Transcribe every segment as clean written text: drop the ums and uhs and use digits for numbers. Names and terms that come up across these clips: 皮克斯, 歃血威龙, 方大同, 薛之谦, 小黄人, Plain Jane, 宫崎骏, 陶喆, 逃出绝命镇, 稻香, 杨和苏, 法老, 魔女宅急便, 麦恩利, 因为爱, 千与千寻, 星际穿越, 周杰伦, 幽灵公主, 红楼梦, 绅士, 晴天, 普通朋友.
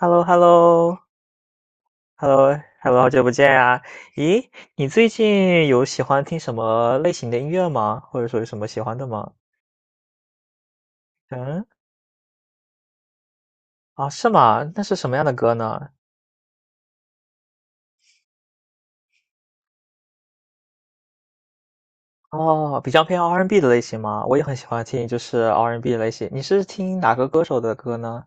h e l l o h e l l o h e l l o h e l l o 好久不见啊！咦，你最近有喜欢听什么类型的音乐吗？或者说有什么喜欢的吗？嗯，啊，是吗？那是什么样的歌呢？哦，比较偏 R&B 的类型吗？我也很喜欢听，就是 R&B 类型。你是听哪个歌手的歌呢？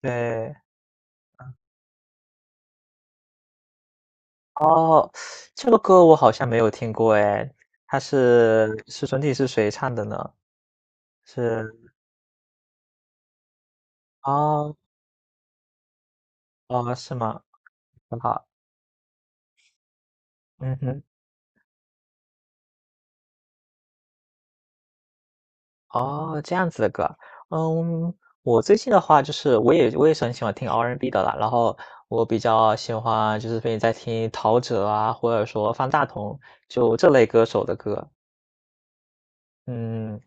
对，哦，这个歌我好像没有听过哎，它是整体是谁唱的呢？是哦哦，是吗？很好，嗯哼。哦，这样子的歌，嗯，我最近的话就是我也是很喜欢听 R&B 的啦，然后我比较喜欢就是最近在听陶喆啊，或者说方大同，就这类歌手的歌，嗯。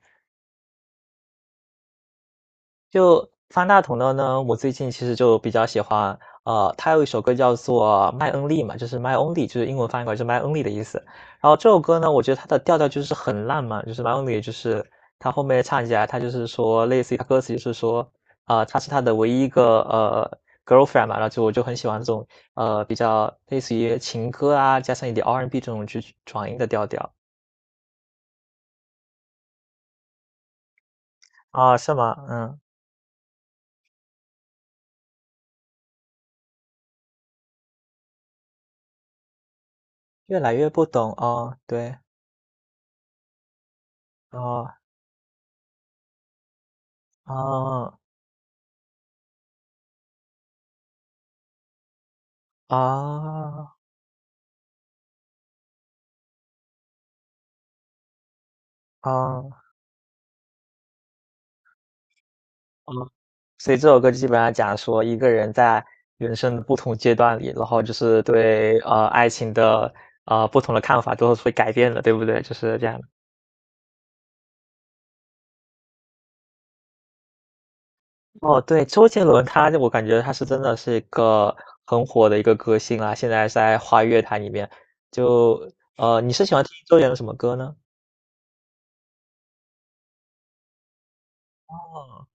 就方大同的呢，我最近其实就比较喜欢，他有一首歌叫做《麦恩利》嘛，就是 My Only，就是英文翻译过来是 My Only 的意思。然后这首歌呢，我觉得它的调调就是很浪漫，就是 My Only，就是他后面唱起来，他就是说，类似于他歌词就是说，啊、他是他的唯一一个girlfriend 嘛，然后就我就很喜欢这种比较类似于情歌啊，加上一点 R&B and B 这种去转音的调调啊，是吗？嗯，越来越不懂哦，对，哦哦啊啊啊！所以这首歌基本上讲说一个人在人生的不同阶段里，然后就是对爱情的不同的看法都是会改变的，对不对？就是这样的哦，对，周杰伦他我感觉他是真的是一个很火的一个歌星啦。现在在华语乐坛里面。就你是喜欢听周杰伦什么歌呢？哦。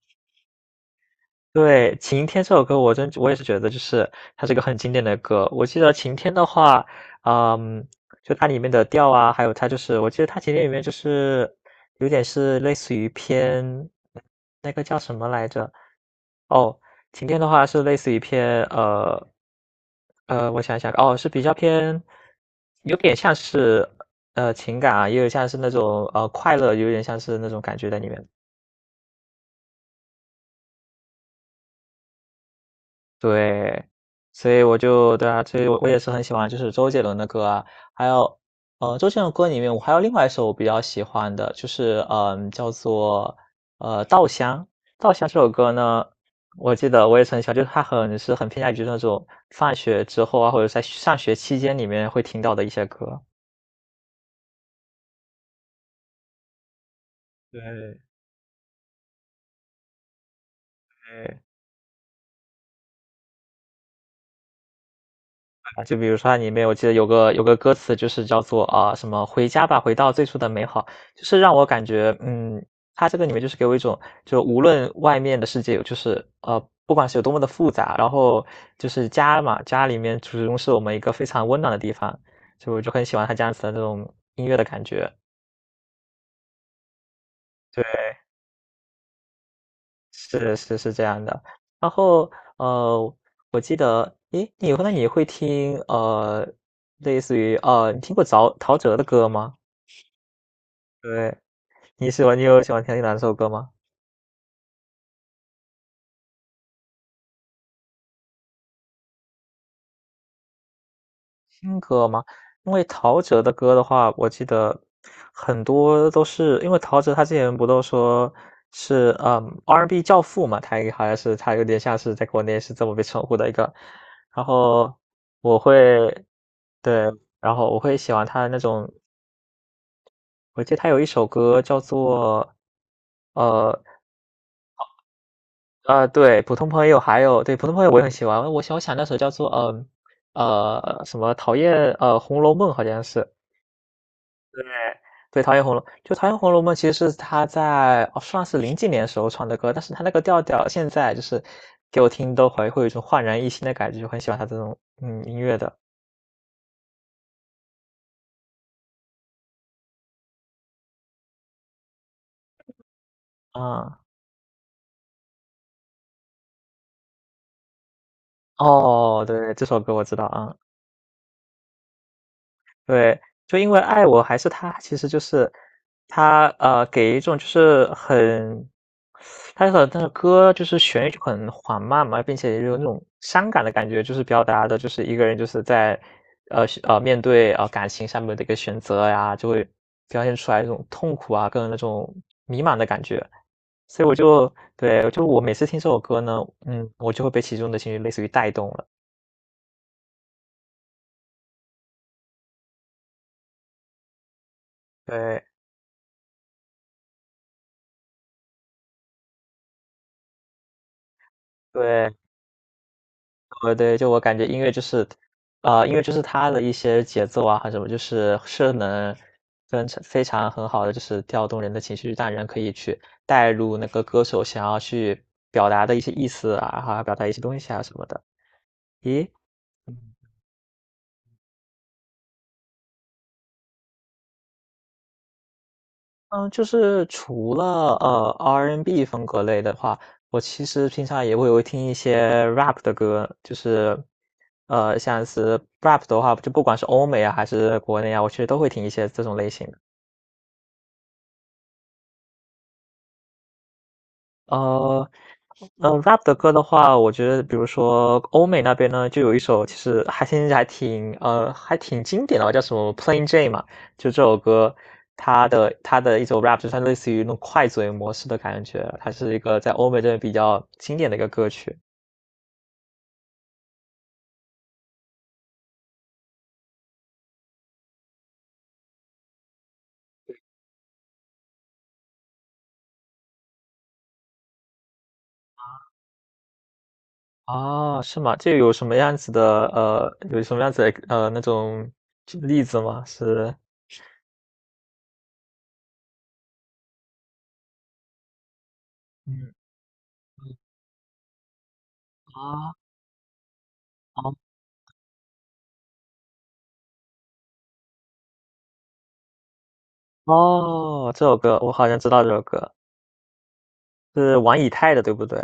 对，《晴天》这首歌，我也是觉得就是它是一个很经典的歌。我记得《晴天》的话，嗯，就它里面的调啊，还有它就是我记得它《晴天》里面就是有点是类似于偏那个叫什么来着？哦，《晴天》的话是类似于偏我想想，哦，是比较偏，有点像是情感啊，也有像是那种快乐，有点像是那种感觉在里面的。对，所以我就对啊，所以我也是很喜欢就是周杰伦的歌啊，还有，周杰伦的歌里面我还有另外一首我比较喜欢的，就是叫做《稻香》。《稻香》这首歌呢，我记得我也是很喜欢，就是他很是很偏向于那种放学之后啊，或者在上学期间里面会听到的一些歌。对。对。啊，就比如说它里面我记得有个歌词就是叫做啊什么"回家吧，回到最初的美好"，就是让我感觉，嗯，它这个里面就是给我一种，就无论外面的世界有就是不管是有多么的复杂，然后就是家嘛，家里面始终是我们一个非常温暖的地方，所以我就很喜欢它这样子的那种音乐的感觉。对，是是是这样的。然后呃，我记得，诶，你那你会听类似于你听过陶喆的歌吗？对，你有喜欢听哪首歌吗？新歌吗？因为陶喆的歌的话，我记得很多都是因为陶喆他之前不都说是R&B N 教父嘛，他也好像是他有点像是在国内是这么被称呼的一个。然后我会对，然后我会喜欢他的那种，我记得他有一首歌叫做呃啊，对，普通朋友还有对，普通朋友我也很喜欢。我想那首叫做，什么讨厌《红楼梦》好像是，对，讨厌《红楼》就讨厌《红楼梦》，其实是他在哦，算是零几年时候唱的歌，但是他那个调调现在就是给我听都会有一种焕然一新的感觉，就很喜欢他这种，嗯，音乐的。啊，哦，对，这首歌我知道，啊。对，就因为爱我还是他，其实就是他给一种就是很，他的那个歌就是旋律就很缓慢嘛，并且有那种伤感的感觉，就是表达的就是一个人就是在是面对感情上面的一个选择呀，就会表现出来一种痛苦啊，跟那种迷茫的感觉。所以我就对，就我每次听这首歌呢，嗯，我就会被其中的情绪类似于带动了。对对。对，就我感觉音乐就是，音乐就是它的一些节奏啊，还什么，就是能跟常非常很好的，就是调动人的情绪，让人可以去带入那个歌手想要去表达的一些意思啊，还有表达一些东西啊什么的。咦，嗯，嗯就是除了，R&B 风格类的话，我其实平常也会有听一些 Rap 的歌，就是，像是 Rap 的话，就不管是欧美啊还是国内啊，我其实都会听一些这种类型的。呃，rap 的歌的话，我觉得比如说欧美那边呢，就有一首其实还现在还挺经典的吧，叫什么《Plain Jane》嘛，就这首歌，它的一首 rap 就是它类似于那种快嘴模式的感觉，它是一个在欧美这边比较经典的一个歌曲。啊，是吗？这有什么样子的那种例子吗？是，嗯，嗯啊，哦，哦，这首歌我好像知道这首歌。是玩以太的，对不对？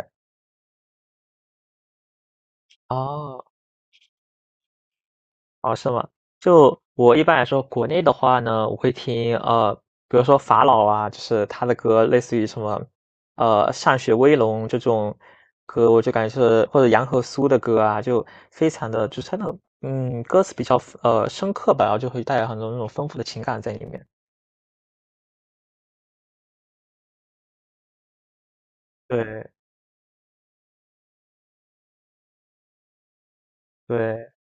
哦，哦，是吗？就我一般来说，国内的话呢，我会听比如说法老啊，就是他的歌，类似于什么《歃血威龙》这种歌，我就感觉是或者杨和苏的歌啊，就非常的就是他那种歌词比较深刻吧，然后就会带有很多那种丰富的情感在里面。对对。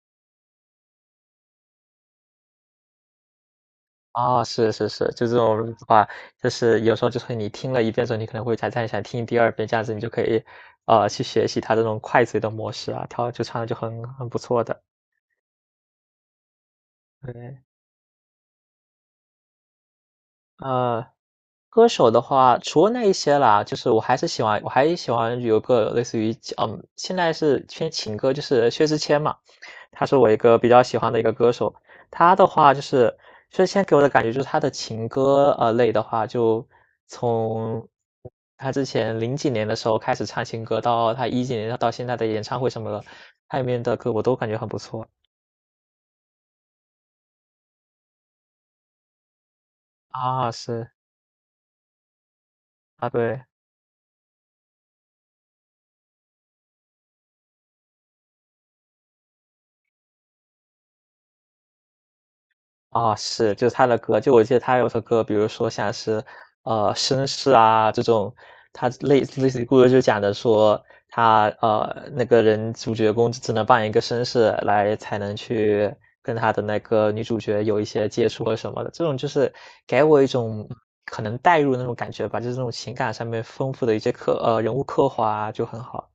啊，是是是，就这种的话，就是有时候就是你听了一遍之后，你可能会再想听第二遍，这样子你就可以，去学习他这种快嘴的模式啊，它就唱的就很不错的。对，呃，歌手的话，除了那一些啦，就是我还喜欢有个类似于，嗯，现在是偏情歌，就是薛之谦嘛。他是我一个比较喜欢的一个歌手。他的话就是，现在给我的感觉就是他的情歌类的话，就从他之前零几年的时候开始唱情歌，到他一几年到现在的演唱会什么的，他里面的歌我都感觉很不错。啊，是，啊对。啊，是，就是他的歌，就我记得他有首歌，比如说像是，绅士啊这种，他类似于故事就讲的说他那个人主角公只能扮演一个绅士来才能去跟他的那个女主角有一些接触啊什么的，这种就是给我一种可能代入的那种感觉吧，就是这种情感上面丰富的一些人物刻画啊就很好。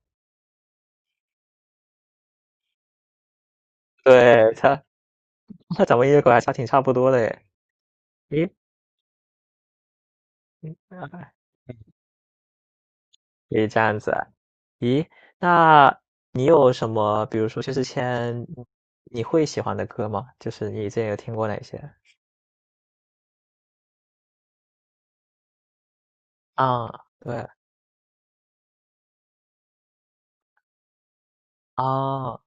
对，他 他咱们音乐口还差挺差不多的诶，诶，也这样子啊咦，那你有什么，比如说薛之谦，你会喜欢的歌吗？就是你之前有听过哪些？啊，对，啊，哦，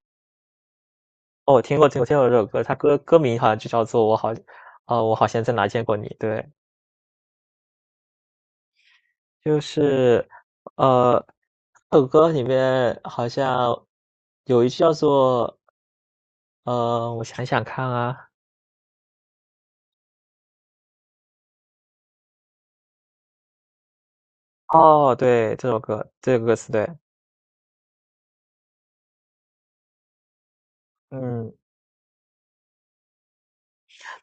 我听过，听过，听过这首歌，它歌名好像就叫做《我好，哦，我好像在哪见过你》。对，就是，呃，这首歌里面好像有一句叫做，我想想看啊，哦，对，这首歌，这个歌词，对，嗯。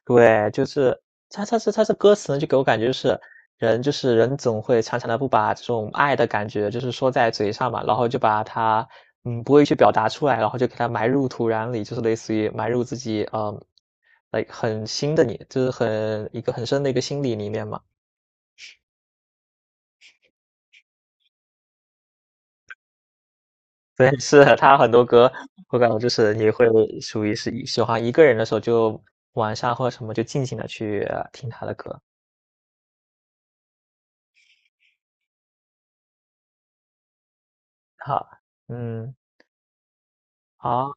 对，就是他这歌词呢，就给我感觉就是人就是人总会常常的不把这种爱的感觉就是说在嘴上嘛，然后就把它，嗯，不会去表达出来，然后就给它埋入土壤里，就是类似于埋入自己，嗯，l 很新的你就是很一个很深的一个心理里面嘛。对，是他很多歌，我感觉就是你会属于是喜欢一个人的时候，就晚上或者什么就静静的去听他的歌。好，嗯，好。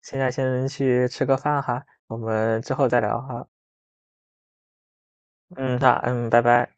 现在先去吃个饭哈，我们之后再聊哈。嗯，那拜拜。